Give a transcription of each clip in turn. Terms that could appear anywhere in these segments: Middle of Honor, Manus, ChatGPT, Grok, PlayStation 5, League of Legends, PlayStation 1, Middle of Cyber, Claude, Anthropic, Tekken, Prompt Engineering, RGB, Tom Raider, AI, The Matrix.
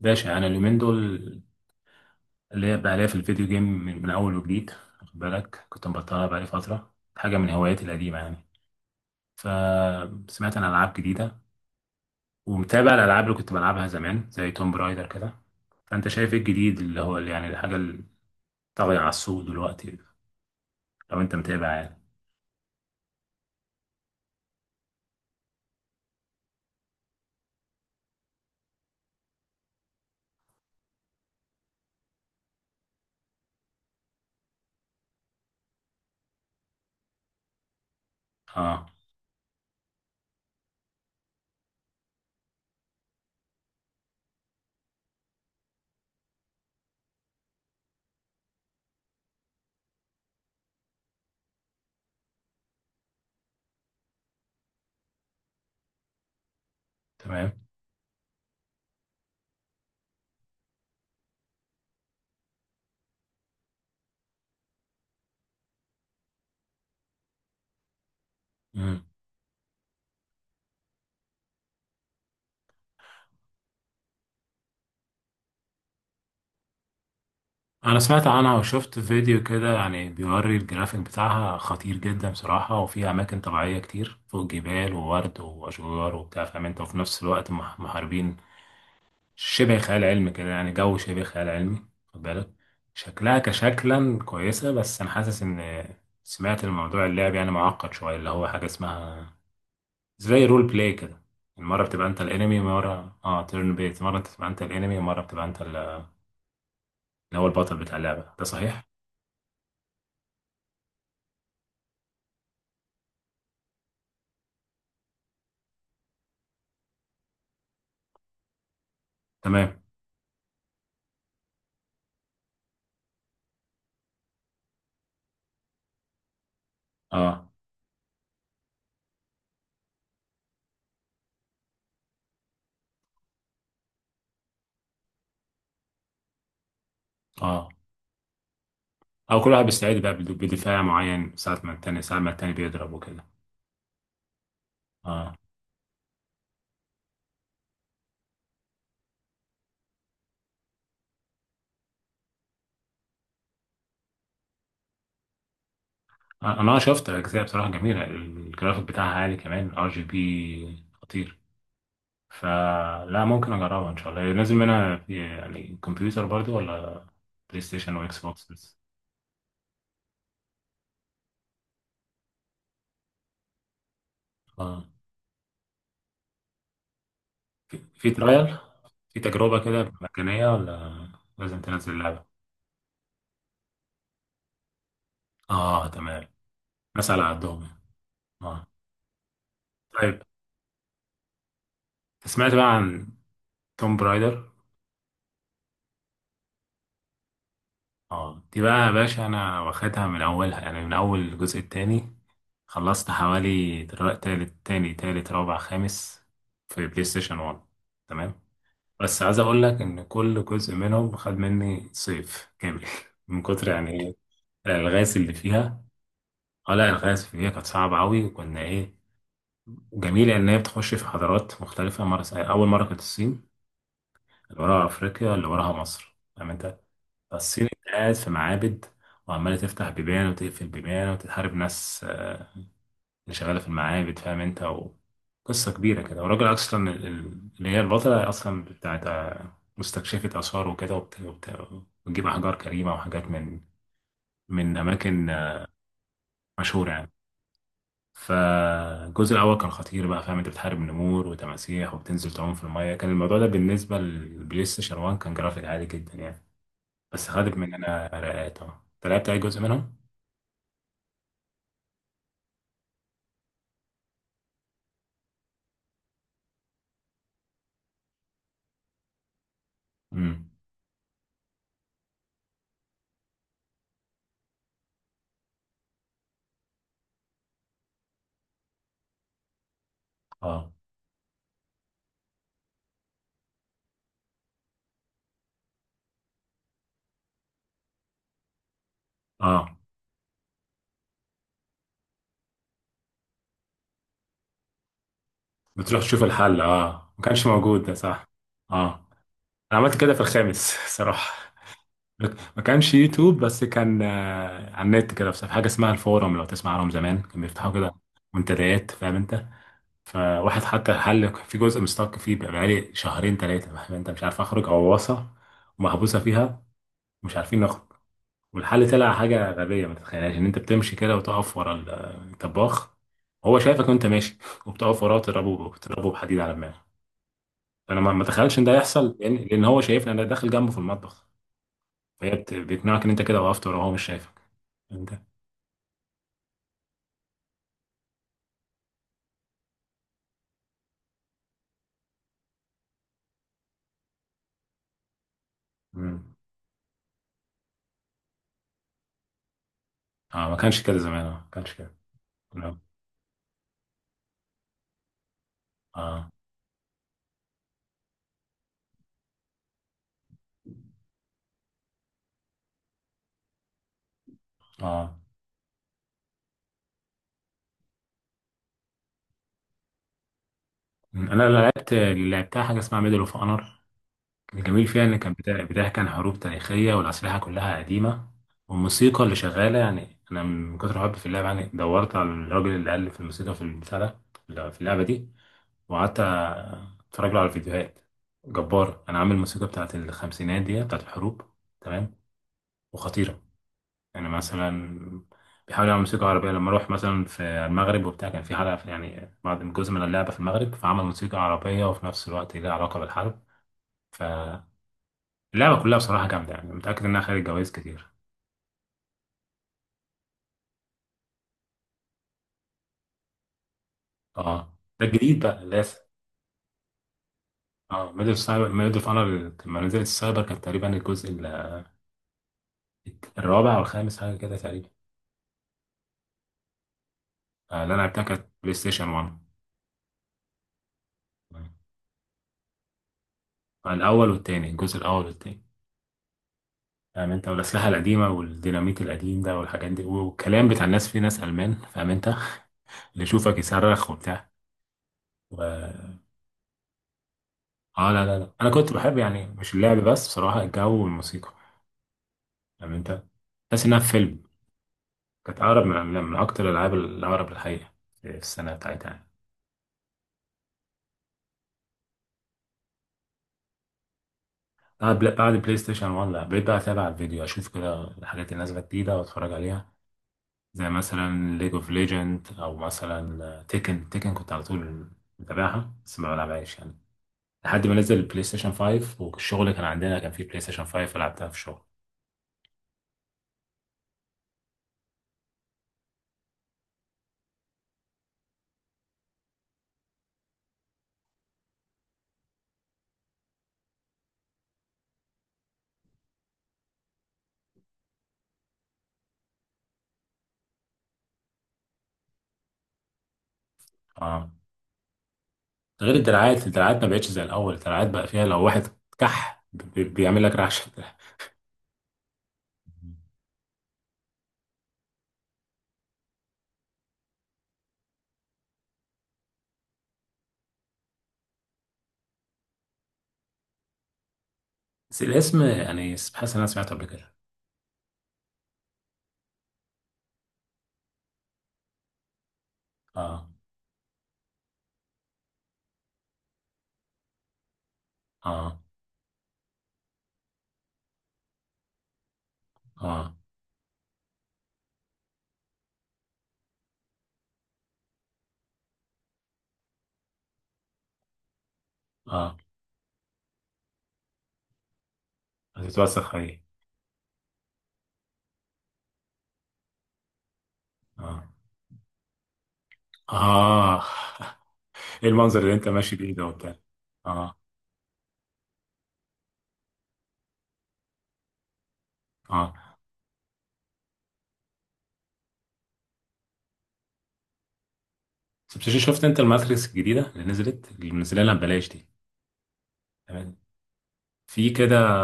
باشا انا اليومين دول اللي هي بقى ليا في الفيديو جيم من اول وجديد خد بالك كنت مبطلها بقالي فتره حاجه من هواياتي القديمه يعني. فسمعت عن العاب جديده ومتابع الالعاب اللي كنت بلعبها زمان زي توم برايدر كده. فانت شايف ايه الجديد اللي هو اللي يعني الحاجه اللي طاغيه على السوق دلوقتي؟ لو انت متابع يعني. اه، تمام. انا سمعت عنها وشفت فيديو كده يعني بيوري الجرافيك بتاعها خطير جدا بصراحة، وفي اماكن طبيعية كتير فوق جبال وورد واشجار وبتاع فاهم انت، وفي نفس الوقت محاربين. شبه خيال علمي كده يعني، جو شبه خيال علمي خد بالك. شكلها كشكلا كويسة بس انا حاسس ان سمعت الموضوع اللعب يعني معقد شوية، اللي هو حاجة اسمها زي رول بلاي كده. مرة بتبقى انت الانمي، مرة تيرن بيت، مرة بتبقى انت الانمي، مرة بتبقى انت اللي هو البطل بتاع اللعبة، ده صحيح؟ تمام. اه. اه، او كل واحد بيستعيد بقى بدفاع معين، ساعة ما التاني ساعة ما التاني بيضرب وكده. اه. انا آه شفت اجزاء بصراحة جميلة، الجرافيك بتاعها عالي، كمان ار جي بي خطير. فلا، ممكن اجربها ان شاء الله. نازل منها في يعني كمبيوتر برضو ولا بلاي ستيشن واكس بوكس بس؟ اه. في ترايل، في تجربة كده مجانية، ولا لازم تنزل اللعبة؟ اه، تمام. ناس على قدهم. اه. طيب، سمعت بقى عن توم برايدر. اه، دي بقى يا باشا انا واخدها من اولها، يعني من اول الجزء التاني. خلصت حوالي دلوقتي تالت تاني تالت رابع خامس، في بلاي ستيشن 1. تمام. بس عايز اقول لك ان كل جزء منهم خد مني صيف كامل من كتر يعني ايه الالغاز اللي فيها. اه لا، الالغاز اللي فيها كانت صعبه قوي، وكنا ايه، جميله ان هي بتخش في حضارات مختلفه، مره اول مره كانت الصين، اللي وراها افريقيا، اللي وراها مصر، فاهم انت. فالصين انت قاعد في معابد، وعمالة تفتح بيبان وتقفل بيبان وتتحارب ناس اللي شغالة في المعابد، فاهم انت. وقصة كبيرة كده، والراجل أصلا اللي هي البطلة أصلا بتاعت مستكشفة آثار وكده، وتجيب أحجار كريمة وحاجات من من أماكن مشهورة يعني. فالجزء الأول كان خطير بقى فاهم انت، بتحارب نمور وتماسيح وبتنزل تعوم في المية، كان الموضوع ده بالنسبة للبلاي ستيشن 1 كان جرافيك عالي جدا يعني. بس خدت مننا رقات. اه، انت لعبت أي جزء منهم؟ اه. اه، بتروح تشوف الحل، اه ما كانش موجود ده، صح. اه، انا عملت كده في الخامس صراحة. ما كانش يوتيوب، بس كان آه، على النت كده في حاجة اسمها الفورم، لو تسمع عنهم زمان كانوا بيفتحوا كده منتديات، فاهم انت. فواحد حط حل في جزء مستك فيه بقى بقالي شهرين ثلاثة، فاهم انت، مش عارف اخرج غواصة ومحبوسة فيها ومش عارفين نخرج. والحل طلع حاجة غبية ما تتخيلهاش، ان انت بتمشي كده وتقف ورا الطباخ، هو شايفك وانت ماشي، وبتقف وراه تضربه تضربه بحديد على دماغه. فانا ما اتخيلش ان ده يحصل، لأن هو شايفني انا داخل جنبه في المطبخ. فهي بيقنعك ان انت كده وقفت وراه وهو مش شايفك انت. امم. اه، ما كانش كده زمان، اه ما كانش كده. لا. اه. اه. مم، انا اللي لعبت اللي لعبتها حاجة اسمها ميدل اوف اونر. الجميل فيها إن كان بتحكي عن حروب تاريخية والأسلحة كلها قديمة، والموسيقى اللي شغالة يعني، أنا من كتر حبي في اللعبة يعني دورت على الراجل اللي ألف الموسيقى في البتاع ده في اللعبة دي، وقعدت أتفرج له على الفيديوهات. جبار، أنا عامل الموسيقى بتاعت الخمسينات دي بتاعت الحروب. تمام، وخطيرة يعني. مثلا بيحاول يعمل موسيقى عربية لما أروح مثلا في المغرب وبتاع، كان في حلقة في يعني بعض جزء من اللعبة في المغرب، فعمل موسيقى عربية وفي نفس الوقت ليها علاقة بالحرب. ف اللعبة كلها بصراحة جامدة يعني، متأكد إنها خدت جوايز كتير. اه، ده الجديد بقى لسه. اه، ميدل اوف سايبر، ميدل اوف اونر لما نزلت السايبر كانت تقريبا الجزء الرابع أو الخامس حاجة كده تقريبا. آه، اللي أنا لعبتها كانت بلاي ستيشن 1. آه، الأول والتاني، الجزء الأول والتاني، فاهم أنت، والأسلحة القديمة والديناميت القديم ده والحاجات دي، والكلام بتاع الناس في ناس ألمان، فاهم أنت اللي يشوفك يصرخ وبتاع و... اه لا لا لا، أنا كنت بحب يعني مش اللعب بس بصراحة، الجو والموسيقى، فاهم أنت. تحس إنها في فيلم. كانت أقرب من من أكتر الألعاب الأقرب للحقيقة في السنة بتاعتها يعني. بعد بعد بلاي ستيشن 1، لا بقيت بقى أتابع الفيديو، أشوف كده الحاجات اللي نازلة جديدة وأتفرج عليها، زي مثلا ليج أوف ليجند، أو مثلا تيكن تيكن، كنت على طول متابعها بس ما بلعبهاش يعني. لحد ما نزل البلاي ستيشن 5، والشغل كان عندنا كان فيه بلاي ستيشن 5 فلعبتها في الشغل. اه، ده غير الدراعات، الدراعات ما بقتش زي الأول. الدراعات بقى فيها لو واحد كح بيعمل لك رعشة. بس الاسم يعني، حاسس إن أنا سمعته قبل كده. اه. اه. اه. اه، هتتوسخ ايه. اه. اه ايه المنظر اللي انت ماشي بيه ده وبتاع. اه. اه، طب شفت، شفت انت الماتريكس الجديدة اللي نزلت اللي منزلها ببلاش دي؟ تمام. في كده،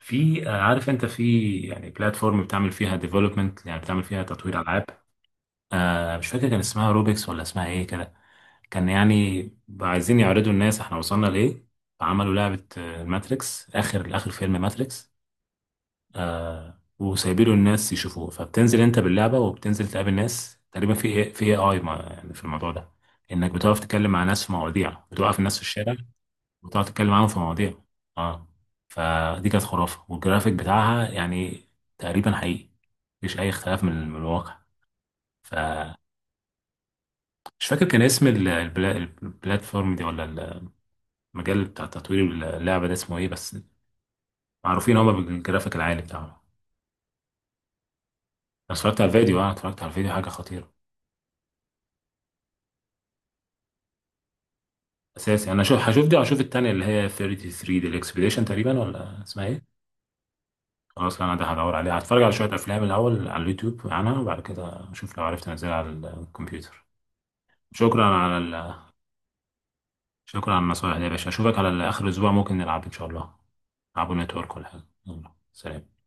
في آه، عارف انت في يعني بلاتفورم بتعمل فيها ديفلوبمنت يعني بتعمل فيها تطوير العاب. آه مش فاكر كان اسمها روبيكس ولا اسمها ايه كده. كان يعني عايزين يعرضوا الناس احنا وصلنا لايه. فعملوا لعبة آه، ماتريكس، اخر اخر فيلم ماتريكس. آه، وسايبينه الناس يشوفوه. فبتنزل انت باللعبه وبتنزل تقابل ناس تقريبا في ايه في اي يعني في الموضوع ده، انك بتقف تتكلم مع ناس في مواضيع، بتوقف الناس في الشارع وتقعد تتكلم معاهم في مواضيع. اه. فدي كانت خرافه، والجرافيك بتاعها يعني تقريبا حقيقي، مفيش اي اختلاف من من الواقع. فمش فاكر كان اسم البلاتفورم دي، ولا المجال بتاع تطوير اللعبه ده اسمه ايه بس. معروفين هما بالجرافيك العالي بتاعهم. انا اتفرجت على الفيديو، اه اتفرجت على الفيديو حاجه خطيره. اساسي انا شو، هشوف دي وهشوف التانية اللي هي 33 دي، الاكسبيديشن تقريبا ولا اسمها ايه. خلاص، لا انا ده هدور عليها، هتفرج على شوية افلام الاول على اليوتيوب عنها، وبعد كده اشوف لو عرفت انزلها على الكمبيوتر. شكرا على ال... شكرا على النصائح دي يا باشا. اشوفك على اخر الاسبوع، ممكن نلعب ان شاء الله، نلعبوا نتورك ولا حاجة. يلا، سلام.